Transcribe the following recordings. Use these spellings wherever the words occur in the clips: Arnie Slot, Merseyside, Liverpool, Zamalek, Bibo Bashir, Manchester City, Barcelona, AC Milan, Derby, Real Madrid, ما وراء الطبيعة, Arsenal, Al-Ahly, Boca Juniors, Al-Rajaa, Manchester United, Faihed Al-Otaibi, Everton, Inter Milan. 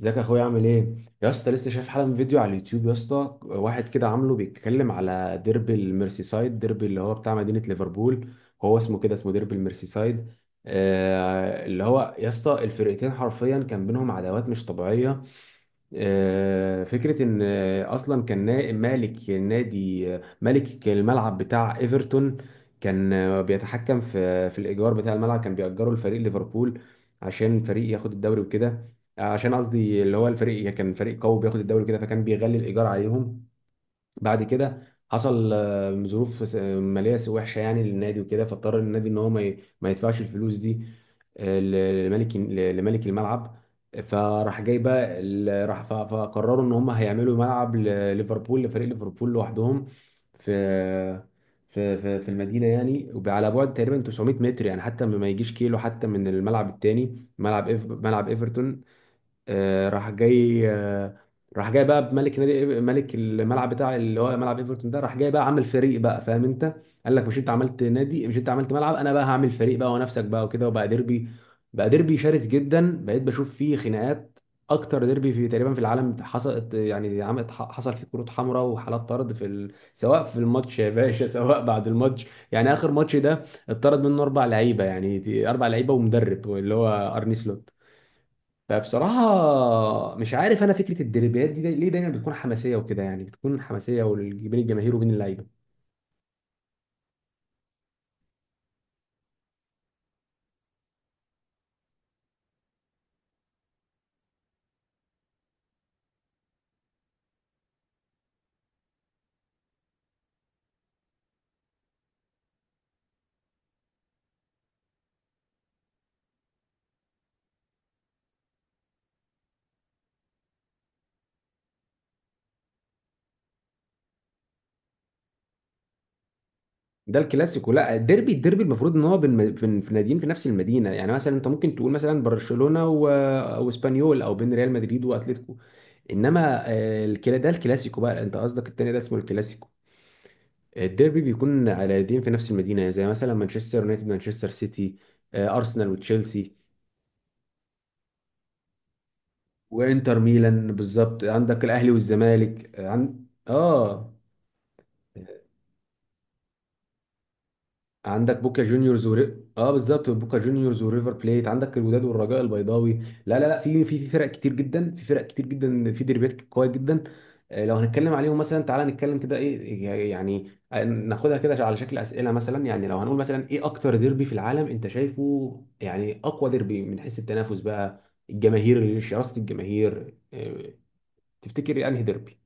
ازيك يا اخويا، عامل ايه؟ يا اسطى، لسه شايف حالا فيديو على اليوتيوب. يا اسطى، واحد كده عامله بيتكلم على ديربي الميرسيسايد، ديربي اللي هو بتاع مدينة ليفربول. هو اسمه كده، اسمه ديربي الميرسيسايد. آه، اللي هو يا اسطى الفرقتين حرفيا كان بينهم عداوات مش طبيعية. فكرة إن أصلا كان مالك نادي، مالك الملعب بتاع إيفرتون. كان بيتحكم في الإيجار بتاع الملعب، كان بيأجره لفريق ليفربول عشان فريق ياخد الدوري وكده. عشان قصدي اللي هو الفريق كان فريق قوي بياخد الدوري وكده، فكان بيغلي الإيجار عليهم. بعد كده حصل ظروف ماليه وحشه يعني للنادي وكده، فاضطر النادي ان هو ما يدفعش الفلوس دي لملك، لملك الملعب. فراح جاي بقى راح فقرروا ان هم هيعملوا ملعب لليفربول، لفريق ليفربول لوحدهم، في في المدينه يعني، وب- على بعد تقريبا 900 متر يعني، حتى ما يجيش كيلو حتى من الملعب التاني، ملعب ملعب ايفرتون. راح جاي، راح جاي بقى بملك نادي، ملك الملعب بتاع اللي هو ملعب ايفرتون ده، راح جاي بقى عامل فريق بقى، فاهم انت؟ قال لك: مش انت عملت نادي؟ مش انت عملت ملعب؟ انا بقى هعمل فريق بقى ونفسك بقى وكده. وبقى ديربي، بقى ديربي شرس جدا، بقيت بشوف فيه خناقات. اكتر ديربي في تقريبا في العالم حصلت يعني، عملت حصل فيه كروت حمراء وحالات طرد سواء في الماتش يا باشا سواء بعد الماتش. يعني اخر ماتش ده اتطرد منه اربع لعيبه، يعني دي اربع لعيبه ومدرب اللي هو ارني سلوت. فبصراحة مش عارف أنا، فكرة الديربيات دي ليه دايما بتكون حماسية وكده؟ يعني بتكون حماسية بين الجماهير وبين اللعيبة. ده الكلاسيكو، لا، الديربي، الديربي المفروض إن هو بين في ناديين في نفس المدينة، يعني مثلا أنت ممكن تقول مثلا برشلونة وإسبانيول، أو بين ريال مدريد وأتليتيكو. إنما الكلا، ده الكلاسيكو بقى، أنت قصدك التاني ده اسمه الكلاسيكو. الديربي بيكون على ناديين في نفس المدينة، زي مثلا مانشستر يونايتد مانشستر سيتي، أرسنال وتشيلسي، وانتر ميلان بالظبط. عندك الاهلي والزمالك. عن اه عندك بوكا اه، بالظبط، بوكا جونيورز وريفر بليت، عندك الوداد والرجاء البيضاوي. لا لا لا، في فرق كتير جدا، في فرق كتير جدا، في ديربيات قويه جدا. لو هنتكلم عليهم مثلا، تعالى نتكلم كده ايه، يعني ناخدها كده على شكل اسئله مثلا. يعني لو هنقول مثلا، ايه اكتر ديربي في العالم انت شايفه؟ يعني اقوى ديربي من حيث التنافس بقى، الجماهير، شراسه الجماهير، تفتكر انهي ديربي؟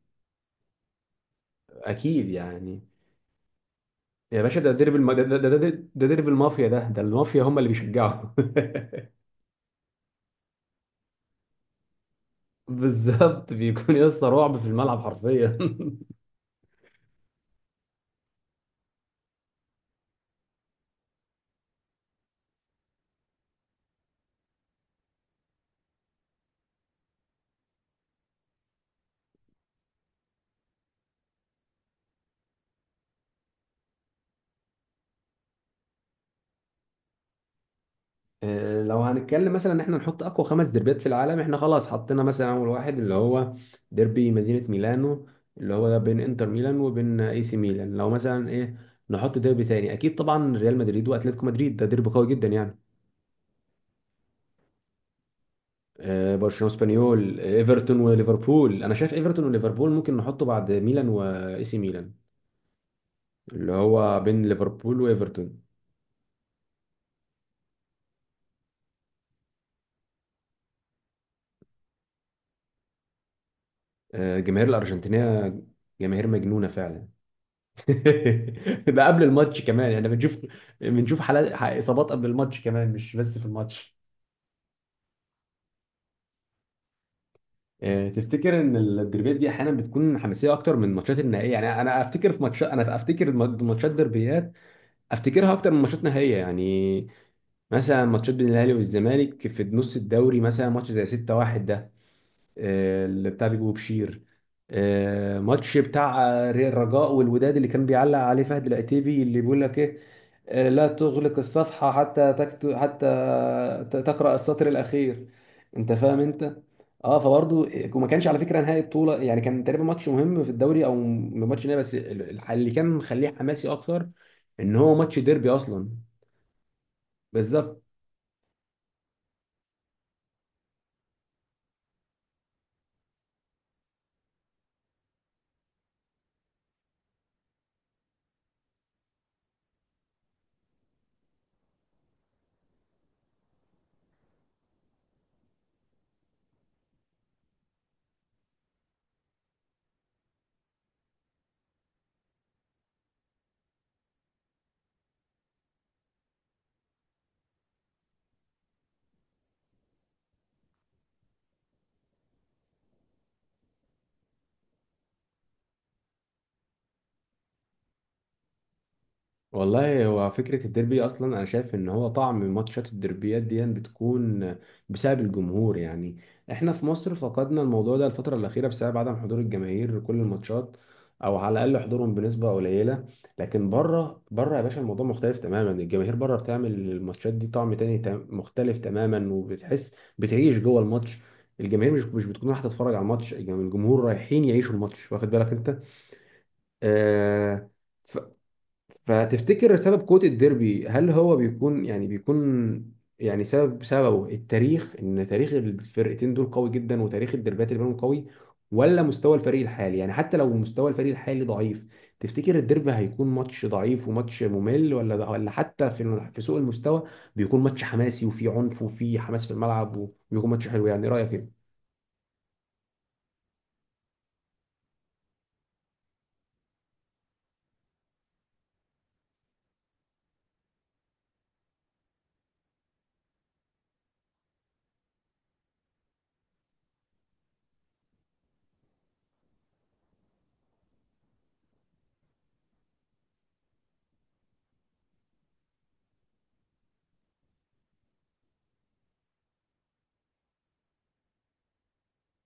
اكيد يعني. يا باشا، ده درب المافيا، ده المافيا هم اللي بيشجعوا. بالظبط، بيكون يا اسطى رعب في الملعب حرفيا. لو هنتكلم مثلا ان احنا نحط اقوى خمس ديربيات في العالم، احنا خلاص حطينا مثلا اول واحد اللي هو ديربي مدينة ميلانو، اللي هو ده بين انتر ميلان وبين اي سي ميلان. لو مثلا ايه، نحط ديربي تاني، اكيد طبعا ريال مدريد واتلتيكو مدريد، ده ديربي قوي جدا يعني. برشلونه واسبانيول، ايفرتون وليفربول. انا شايف ايفرتون وليفربول ممكن نحطه بعد ميلان واي سي ميلان، اللي هو بين ليفربول وايفرتون. الجماهير الارجنتينيه جماهير مجنونه فعلا. ده قبل الماتش كمان احنا بنشوف، بنشوف حالات اصابات قبل الماتش كمان، مش بس في الماتش. تفتكر ان الدربيات دي احيانا بتكون حماسيه اكتر من الماتشات النهائيه؟ يعني انا افتكر في ماتشات، انا افتكر ماتشات دربيات افتكرها اكتر من ماتشات نهائيه يعني. مثلا ماتشات بين الاهلي والزمالك في نص الدوري، مثلا ماتش زي 6-1 ده، اللي بتاع بيبو بشير، ماتش بتاع الرجاء والوداد اللي كان بيعلق عليه فهد العتيبي اللي بيقول لك ايه، لا تغلق الصفحة حتى حتى تقرأ السطر الأخير. أنت فاهم أنت؟ أه، فبرضه وما كانش على فكرة نهائي بطولة يعني، كان تقريبا ماتش مهم في الدوري أو ماتش نهائي، بس اللي كان مخليه حماسي أكتر إن هو ماتش ديربي أصلا. بالظبط. والله، هو فكرة الديربي أصلا، أنا شايف إن هو طعم ماتشات الديربيات دي بتكون بسبب الجمهور يعني. إحنا في مصر فقدنا الموضوع ده الفترة الأخيرة بسبب عدم حضور الجماهير كل الماتشات، أو على الأقل حضورهم بنسبة قليلة. لكن بره، بره يا باشا، الموضوع مختلف تماما. الجماهير بره بتعمل الماتشات دي طعم تاني مختلف تماما، وبتحس بتعيش جوه الماتش. الجماهير مش بتكون رايحة تتفرج على الماتش، الجمهور رايحين يعيشوا الماتش، واخد بالك أنت؟ آه. فتفتكر سبب قوة الديربي هل هو بيكون سبب، سببه التاريخ؟ ان تاريخ الفرقتين دول قوي جدا وتاريخ الديربيات اللي بينهم قوي، ولا مستوى الفريق الحالي؟ يعني حتى لو مستوى الفريق الحالي ضعيف، تفتكر الديربي هيكون ماتش ضعيف وماتش ممل، ولا حتى في سوء المستوى بيكون ماتش حماسي وفيه عنف وفيه حماس في الملعب وبيكون ماتش حلو؟ يعني رأيك ايه؟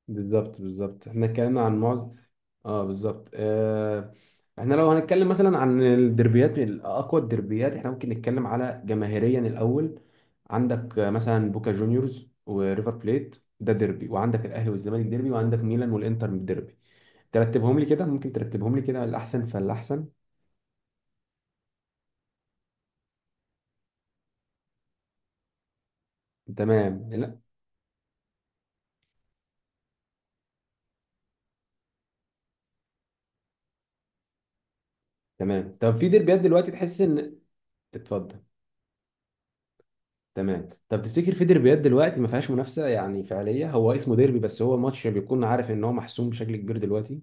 بالظبط، بالظبط، احنا اتكلمنا عن معظم. اه بالظبط، آه. احنا لو هنتكلم مثلا عن الدربيات، من اقوى الدربيات، احنا ممكن نتكلم على جماهيريا الاول. عندك مثلا بوكا جونيورز وريفر بليت ده ديربي، وعندك الاهلي والزمالك ديربي، وعندك ميلان والانتر ديربي. ترتبهم لي كده؟ ممكن ترتبهم لي كده الاحسن فالاحسن؟ تمام، لا. تمام، طب في ديربيات دلوقتي تحس ان، اتفضل. تمام، طب تفتكر في ديربيات دلوقتي ما فيهاش منافسه يعني فعليه، هو اسمه ديربي بس هو ماتش بيكون عارف ان هو محسوم بشكل كبير دلوقتي؟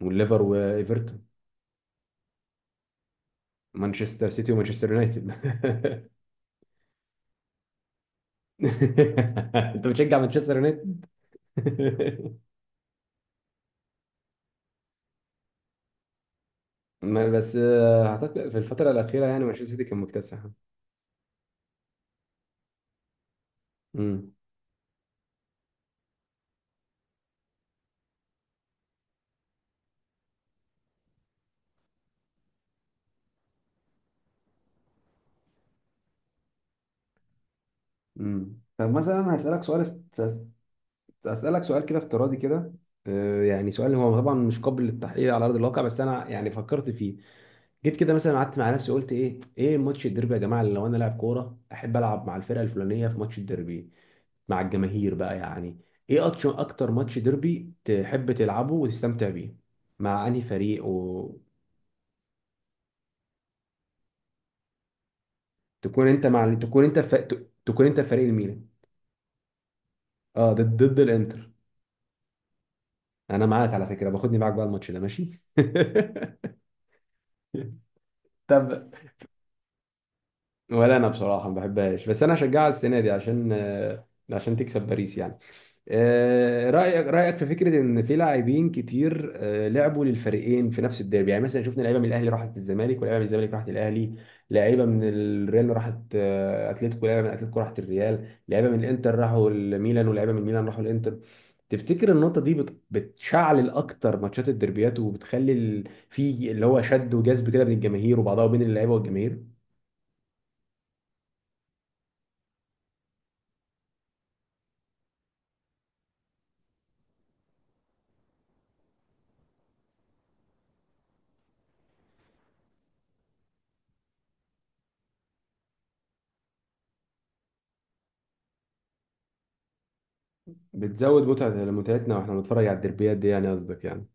والليفر وايفرتون، مانشستر سيتي ومانشستر يونايتد. انت بتشجع مانشستر يونايتد؟ بس اعتقد في الفتره الاخيره يعني مانشستر سيتي كان مكتسح. امم طب مثلا هسالك سؤال، اسالك سؤال كده افتراضي كده. يعني سؤال هو طبعا مش قابل للتحقيق على ارض الواقع، بس انا يعني فكرت فيه. جيت كده مثلا قعدت مع نفسي، قلت ايه، ايه ماتش الديربي يا جماعه اللي لو انا لاعب كوره احب العب مع الفرقه الفلانيه في ماتش الديربي مع الجماهير بقى يعني؟ ايه اكتر، اكتر ماتش ديربي تحب تلعبه وتستمتع بيه مع انهي فريق، وتكون انت مع تكون انت ف... تكون انت فريق الميلان؟ اه، ضد الانتر. انا معاك على فكره، باخدني معاك بقى الماتش ده، ماشي. طب، ولا انا بصراحه ما بحبهاش، بس انا هشجعها السنه دي عشان عشان تكسب باريس يعني. رأيك في فكرة إن في لاعبين كتير لعبوا للفريقين في نفس الديربي؟ يعني مثلا شفنا لعيبة من الأهلي راحت الزمالك، ولاعيبة من الزمالك راحت الأهلي، لعيبة من الريال راحت أتلتيكو، لعيبة من أتلتيكو راحت الريال، لعيبة من الإنتر راحوا الميلان، ولعيبة من الميلان راحوا الإنتر. تفتكر النقطة دي بتشعل أكتر ماتشات الديربيات، وبتخلي في اللي هو شد وجذب كده بين الجماهير وبعضها وبين اللعيبة والجماهير؟ بتزود متعتنا واحنا بنتفرج على الديربيات دي يعني، قصدك يعني.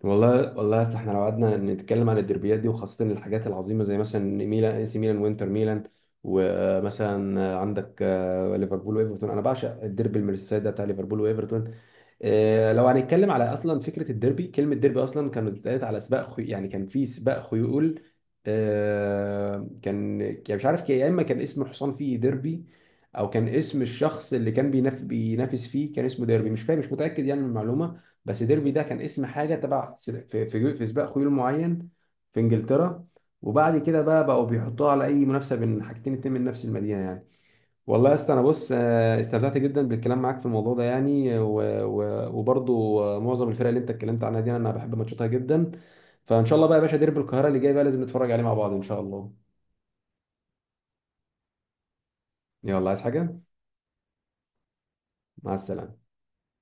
والله، والله يا اسطى، احنا لو قعدنا نتكلم عن الدربيات دي وخاصة الحاجات العظيمة زي مثلا ميلان، اي سي ميلان وانتر ميلان، ومثلا عندك ليفربول وايفرتون. انا بعشق الديربي المرسيسايد ده بتاع ليفربول وايفرتون. لو هنتكلم على اصلا فكره الديربي، كلمه ديربي اصلا كانت اتقالت على سباق يعني كان في سباق خيول، كان يعني مش عارف، يا اما كان اسم حصان فيه ديربي، او كان اسم الشخص اللي كان بينافس فيه كان اسمه ديربي، مش فاهم، مش متاكد يعني من المعلومه. بس ديربي ده كان اسم حاجه تبع في سباق خيول معين في انجلترا، وبعد كده بقى بقوا بيحطوها على اي منافسه بين حاجتين اتنين من نفس المدينه يعني. والله يا اسطى، انا بص، استمتعت جدا بالكلام معاك في الموضوع ده يعني، وبرضو معظم الفرق اللي انت اتكلمت عنها دي انا بحب ماتشاتها جدا. فان شاء الله بقى يا باشا، ديربي القاهره اللي جاي بقى لازم نتفرج عليه مع بعض ان شاء الله. يلا، عايز حاجه؟ مع السلامه.